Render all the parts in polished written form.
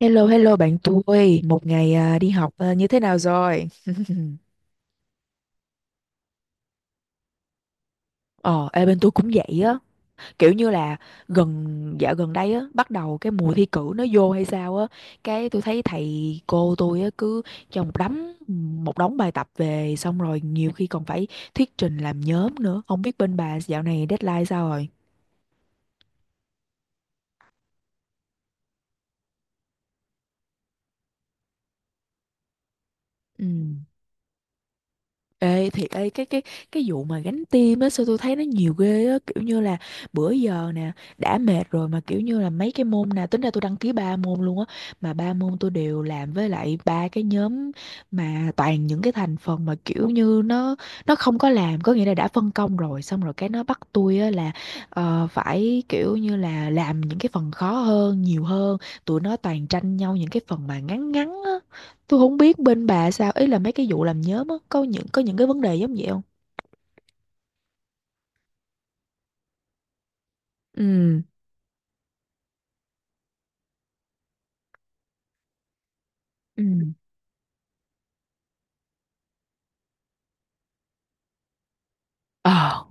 Hello, hello bạn tôi. Một ngày à, đi học à, như thế nào rồi? Ờ, ê, bên tôi cũng vậy á. Kiểu như là gần dạo gần đây á, bắt đầu cái mùa thi cử nó vô hay sao á. Cái tôi thấy thầy cô tôi á cứ cho một đống bài tập về, xong rồi nhiều khi còn phải thuyết trình làm nhóm nữa. Không biết bên bà dạo này deadline sao rồi? Ừ. Ê thiệt ấy, cái vụ mà gánh tim á, sao tôi thấy nó nhiều ghê á, kiểu như là bữa giờ nè đã mệt rồi, mà kiểu như là mấy cái môn nè, tính ra tôi đăng ký ba môn luôn á, mà ba môn tôi đều làm với lại ba cái nhóm, mà toàn những cái thành phần mà kiểu như nó không có làm, có nghĩa là đã phân công rồi, xong rồi cái nó bắt tôi á là phải kiểu như là làm những cái phần khó hơn, nhiều hơn, tụi nó toàn tranh nhau những cái phần mà ngắn ngắn á. Tôi không biết bên bà sao, ý là mấy cái vụ làm nhóm á, có những cái vấn đề giống vậy không? Ừ. Ừ. Ờ.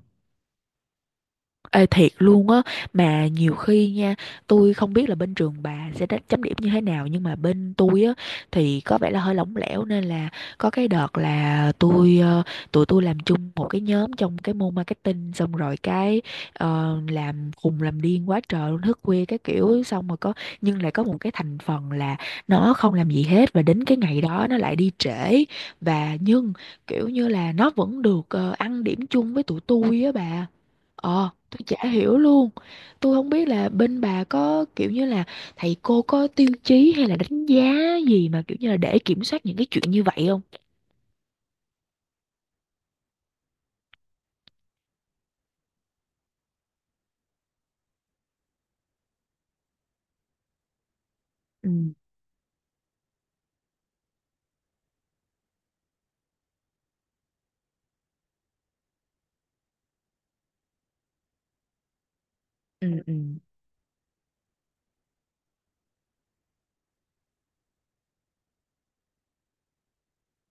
Ê thiệt luôn á. Mà nhiều khi nha, tôi không biết là bên trường bà sẽ đánh chấm điểm như thế nào, nhưng mà bên tôi á thì có vẻ là hơi lỏng lẻo, nên là có cái đợt là tôi tụi tôi làm chung một cái nhóm trong cái môn marketing. Xong rồi cái làm khùng làm điên quá trời luôn, thức khuya cái kiểu, xong rồi có, nhưng lại có một cái thành phần là nó không làm gì hết, và đến cái ngày đó nó lại đi trễ. Và nhưng kiểu như là nó vẫn được ăn điểm chung với tụi tôi á bà. Ờ, tôi chả hiểu luôn. Tôi không biết là bên bà có kiểu như là thầy cô có tiêu chí hay là đánh giá gì mà kiểu như là để kiểm soát những cái chuyện như vậy không? Ừ, ừ, ừ,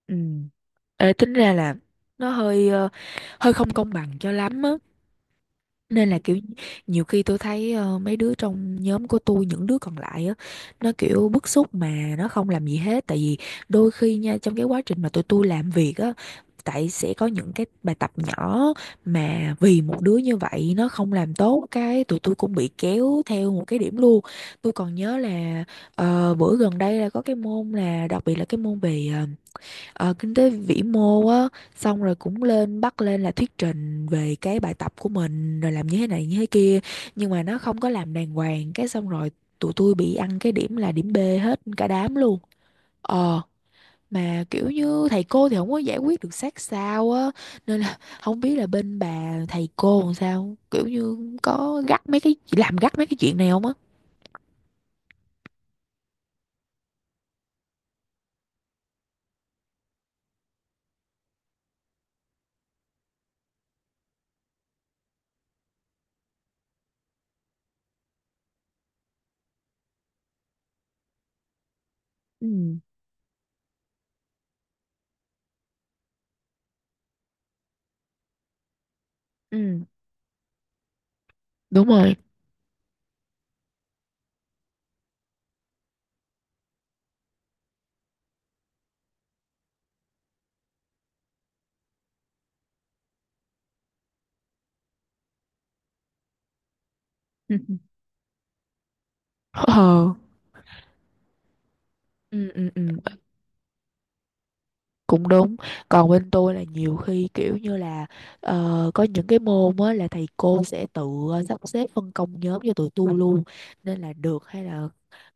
ừ. Ê, tính ra là nó hơi ờ, hơi không công bằng cho lắm á, nên là kiểu nhiều khi tôi thấy mấy đứa trong nhóm của tôi, những đứa còn lại á, nó kiểu bức xúc mà nó không làm gì hết, tại vì đôi khi nha trong cái quá trình mà tụi tôi làm việc á, tại sẽ có những cái bài tập nhỏ mà vì một đứa như vậy nó không làm tốt, cái tụi tôi cũng bị kéo theo một cái điểm luôn. Tôi còn nhớ là bữa gần đây là có cái môn, là đặc biệt là cái môn về ờ, kinh tế vĩ mô á, xong rồi cũng lên bắt lên là thuyết trình về cái bài tập của mình rồi làm như thế này như thế kia, nhưng mà nó không có làm đàng hoàng, cái xong rồi tụi tôi bị ăn cái điểm là điểm B hết cả đám luôn. Ờ, mà kiểu như thầy cô thì không có giải quyết được sát sao á, nên là không biết là bên bà thầy cô làm sao, kiểu như có gắt mấy cái, làm gắt mấy cái chuyện này không á. Ừ. Ừ, đúng rồi. Ừ. Ờ. Ừ, ừ, ừ. Cũng đúng. Còn bên tôi là nhiều khi kiểu như là có những cái môn á là thầy cô sẽ tự sắp xếp phân công nhóm cho tụi tôi luôn, nên là được hay là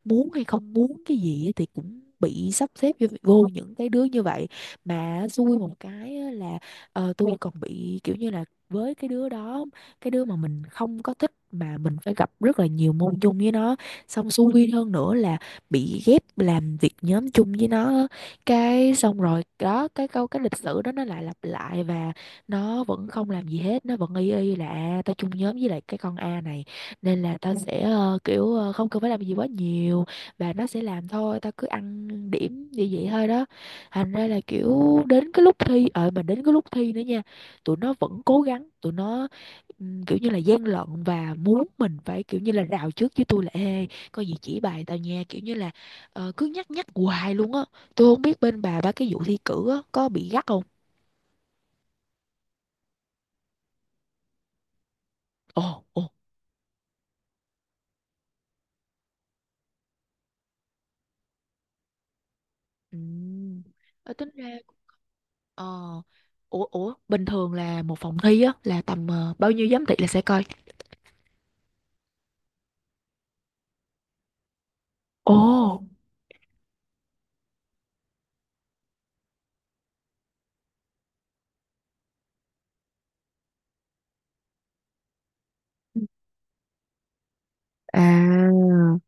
muốn hay không muốn cái gì á thì cũng bị sắp xếp vô vô những cái đứa như vậy. Mà xui một cái á là tôi còn bị kiểu như là với cái đứa đó, cái đứa mà mình không có thích mà mình phải gặp rất là nhiều môn chung với nó, xong xui hơn nữa là bị ghép làm việc nhóm chung với nó á, cái xong rồi đó cái câu cái lịch sử đó nó lại lặp lại, và nó vẫn không làm gì hết, nó vẫn y y là, à, tao chung nhóm với lại cái con A này nên là tao sẽ ờ, kiểu ờ, không cần phải làm gì quá nhiều và nó sẽ làm thôi, tao cứ ăn điểm như vậy thôi đó. Thành ra là kiểu đến cái lúc thi, ờ, mà đến cái lúc thi nữa nha, tụi nó vẫn cố gắng, tụi nó kiểu như là gian lận, và muốn mình phải kiểu như là rào trước với tôi là, ê coi gì chỉ bài tao nha, kiểu như là cứ nhắc nhắc hoài luôn á. Tôi không biết bên bà ba cái vụ thi cử á, có bị gắt không? Ồ, ồ. Ừ. Ờ, tính ra ờ, ủa ủa bình thường là một phòng thi á là tầm ờ, bao nhiêu giám thị là sẽ coi. Ồ. À,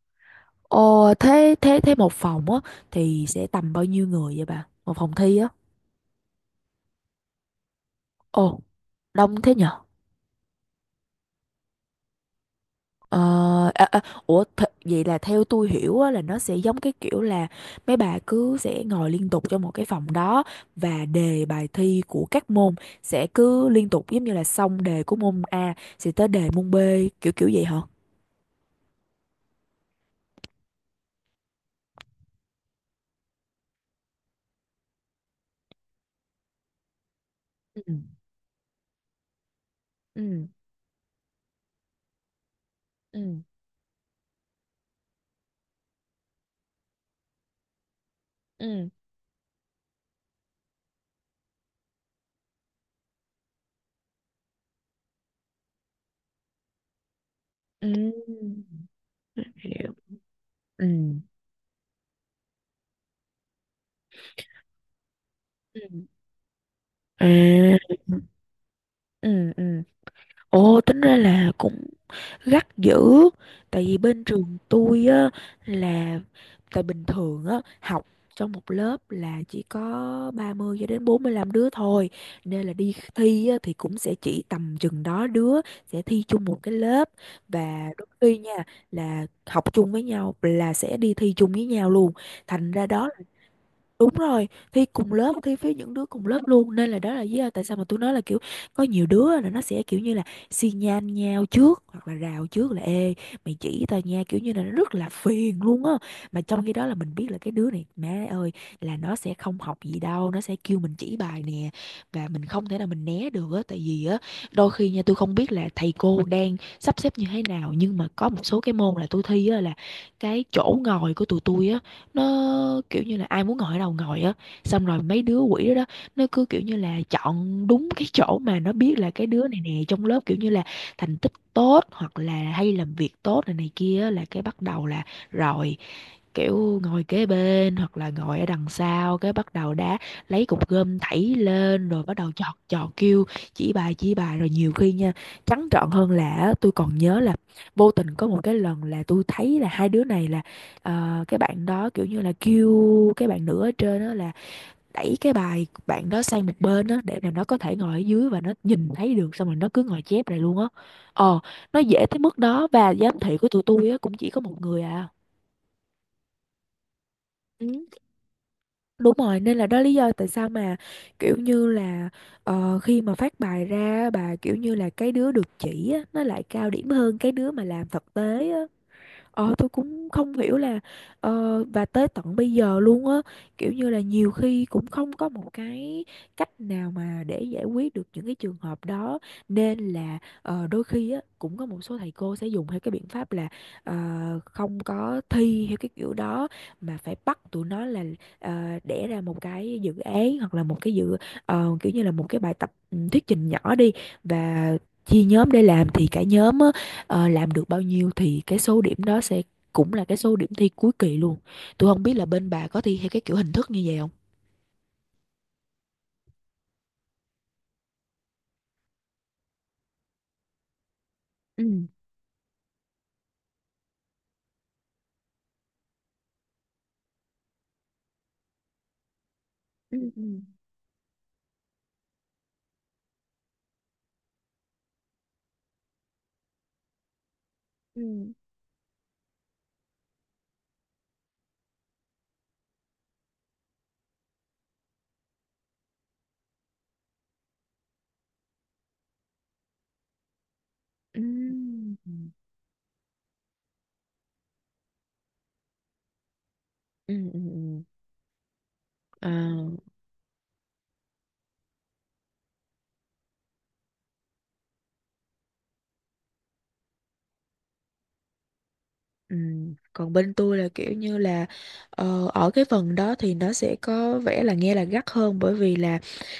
ồ, thế thế thế một phòng á thì sẽ tầm bao nhiêu người vậy bà? Một phòng thi á. Ồ, đông thế nhỉ? Ờ, à, à, ủa vậy là theo tôi hiểu á, là nó sẽ giống cái kiểu là mấy bà cứ sẽ ngồi liên tục trong một cái phòng đó, và đề bài thi của các môn sẽ cứ liên tục, giống như là xong đề của môn A sẽ tới đề môn B, kiểu kiểu vậy hả? Ừ, ừ, ừ, ừ. Ừ, hiểu. Ừ. Ừ. À. Ừ, ừ. Ồ, tính ra là cũng gắt dữ, tại vì bên trường tôi á là tại bình thường á học trong một lớp là chỉ có 30 cho đến 45 đứa thôi, nên là đi thi á thì cũng sẽ chỉ tầm chừng đó đứa sẽ thi chung một cái lớp, và đôi khi nha là học chung với nhau là sẽ đi thi chung với nhau luôn, thành ra đó. Đúng rồi, thi cùng lớp, thi với những đứa cùng lớp luôn. Nên là đó là lý do tại sao mà tôi nói là kiểu có nhiều đứa là nó sẽ kiểu như là xi nhan nhau trước, hoặc là rào trước là, ê, mày chỉ tao nha, kiểu như là nó rất là phiền luôn á. Mà trong khi đó là mình biết là cái đứa này, má ơi, là nó sẽ không học gì đâu, nó sẽ kêu mình chỉ bài nè. Và mình không thể nào mình né được á. Tại vì á, đôi khi nha tôi không biết là thầy cô đang sắp xếp như thế nào, nhưng mà có một số cái môn là tôi thi á, là cái chỗ ngồi của tụi tôi á nó kiểu như là ai muốn ngồi ở đâu ngồi á, xong rồi mấy đứa quỷ đó, đó, nó cứ kiểu như là chọn đúng cái chỗ mà nó biết là cái đứa này nè, trong lớp kiểu như là thành tích tốt hoặc là hay làm việc tốt này này kia á, là cái bắt đầu là rồi kiểu ngồi kế bên hoặc là ngồi ở đằng sau, cái bắt đầu đá, lấy cục gôm thảy lên rồi bắt đầu chọt chọt kêu chỉ bài chỉ bài. Rồi nhiều khi nha trắng trợn hơn là á, tôi còn nhớ là vô tình có một cái lần là tôi thấy là hai đứa này là, ờ, cái bạn đó kiểu như là kêu cái bạn nữ ở trên đó là đẩy cái bài bạn đó sang một bên đó để mà nó có thể ngồi ở dưới và nó nhìn thấy được, xong rồi nó cứ ngồi chép này luôn á. Ờ, nó dễ tới mức đó, và giám thị của tụi tôi á cũng chỉ có một người à. Ừ. Đúng rồi, nên là đó lý do tại sao mà kiểu như là khi mà phát bài ra bà, kiểu như là cái đứa được chỉ á, nó lại cao điểm hơn cái đứa mà làm thực tế á. Ờ, tôi cũng không hiểu là và tới tận bây giờ luôn á, kiểu như là nhiều khi cũng không có một cái cách nào mà để giải quyết được những cái trường hợp đó, nên là đôi khi á cũng có một số thầy cô sẽ dùng theo cái biện pháp là ờ, không có thi theo cái kiểu đó, mà phải bắt tụi nó là ờ, đẻ ra một cái dự án hoặc là một cái dự kiểu như là một cái bài tập, ừ, thuyết trình nhỏ đi, và chia nhóm để làm thì cả nhóm á, ờ, làm được bao nhiêu thì cái số điểm đó sẽ cũng là cái số điểm thi cuối kỳ luôn. Tôi không biết là bên bà có thi theo cái kiểu hình thức như vậy không? Ừ, ừ, ừ, ừ, ừ, ừ, ừ, ừ. À. Ừ. Còn bên tôi là kiểu như là ở cái phần đó thì nó sẽ có vẻ là nghe là gắt hơn bởi vì là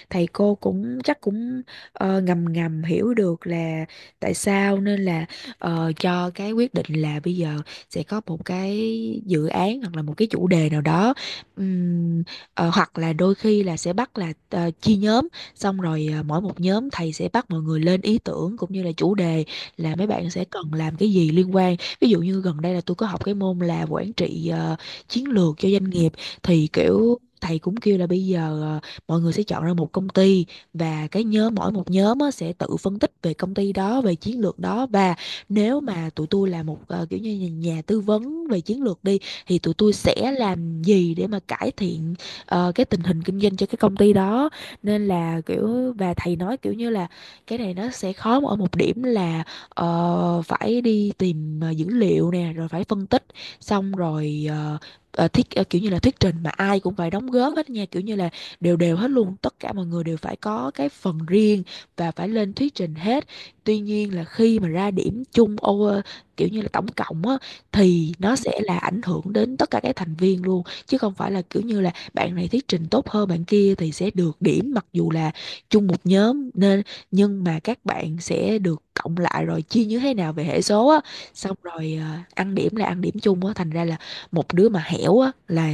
thầy cô cũng chắc cũng ngầm ngầm hiểu được là tại sao, nên là cho cái quyết định là bây giờ sẽ có một cái dự án hoặc là một cái chủ đề nào đó. Ừm, hoặc là đôi khi là sẽ bắt là chia nhóm, xong rồi mỗi một nhóm thầy sẽ bắt mọi người lên ý tưởng cũng như là chủ đề là mấy bạn sẽ cần làm cái gì liên quan. Ví dụ như gần đây là tôi có học cái môn là quản trị chiến lược cho doanh nghiệp, thì kiểu thầy cũng kêu là bây giờ mọi người sẽ chọn ra một công ty và cái nhóm, mỗi một nhóm á, sẽ tự phân tích về công ty đó, về chiến lược đó. Và nếu mà tụi tôi là một kiểu như nhà nhà tư vấn về chiến lược đi, thì tụi tôi sẽ làm gì để mà cải thiện cái tình hình kinh doanh cho cái công ty đó. Nên là kiểu, và thầy nói kiểu như là cái này nó sẽ khó ở một điểm là phải đi tìm dữ liệu nè, rồi phải phân tích, xong rồi kiểu như là thuyết trình mà ai cũng phải đóng góp hết nha, kiểu như là đều đều hết luôn, tất cả mọi người đều phải có cái phần riêng và phải lên thuyết trình hết. Tuy nhiên là khi mà ra điểm chung kiểu như là tổng cộng á, thì nó sẽ là ảnh hưởng đến tất cả các thành viên luôn, chứ không phải là kiểu như là bạn này thuyết trình tốt hơn bạn kia thì sẽ được điểm, mặc dù là chung một nhóm. Nên nhưng mà các bạn sẽ được cộng lại rồi chia như thế nào về hệ số á, xong rồi ăn điểm là ăn điểm chung á, thành ra là một đứa mà hẻo á là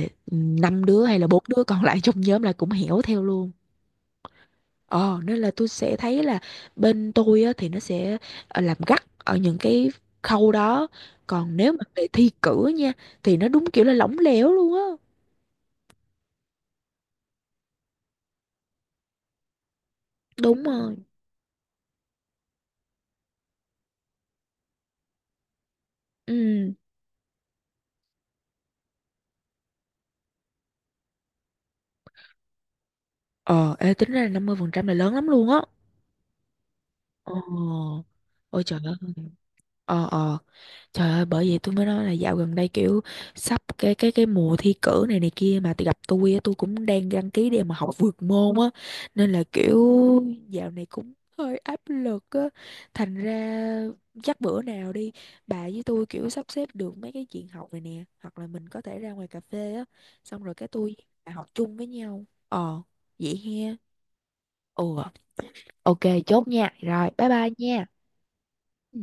năm đứa hay là bốn đứa còn lại trong nhóm là cũng hẻo theo luôn. Ờ Nên là tôi sẽ thấy là bên tôi á thì nó sẽ làm gắt ở những cái khâu đó, còn nếu mà về thi cử nha thì nó đúng kiểu là lỏng lẻo luôn á. Đúng rồi, ừ, ờ ê, tính ra là 50% là lớn lắm luôn á. ờ Ôi trời ơi. ờ ờ Trời ơi, bởi vậy tôi mới nói là dạo gần đây kiểu sắp cái mùa thi cử này này kia, mà tôi gặp tôi á, tôi cũng đang đăng ký để mà học vượt môn á, nên là kiểu dạo này cũng hơi áp lực á. Thành ra chắc bữa nào đi, bà với tôi kiểu sắp xếp được mấy cái chuyện học này nè, hoặc là mình có thể ra ngoài cà phê á, xong rồi cái tôi bà học chung với nhau, vậy he. Ừ, ok, chốt nha, rồi bye bye nha. Ừ.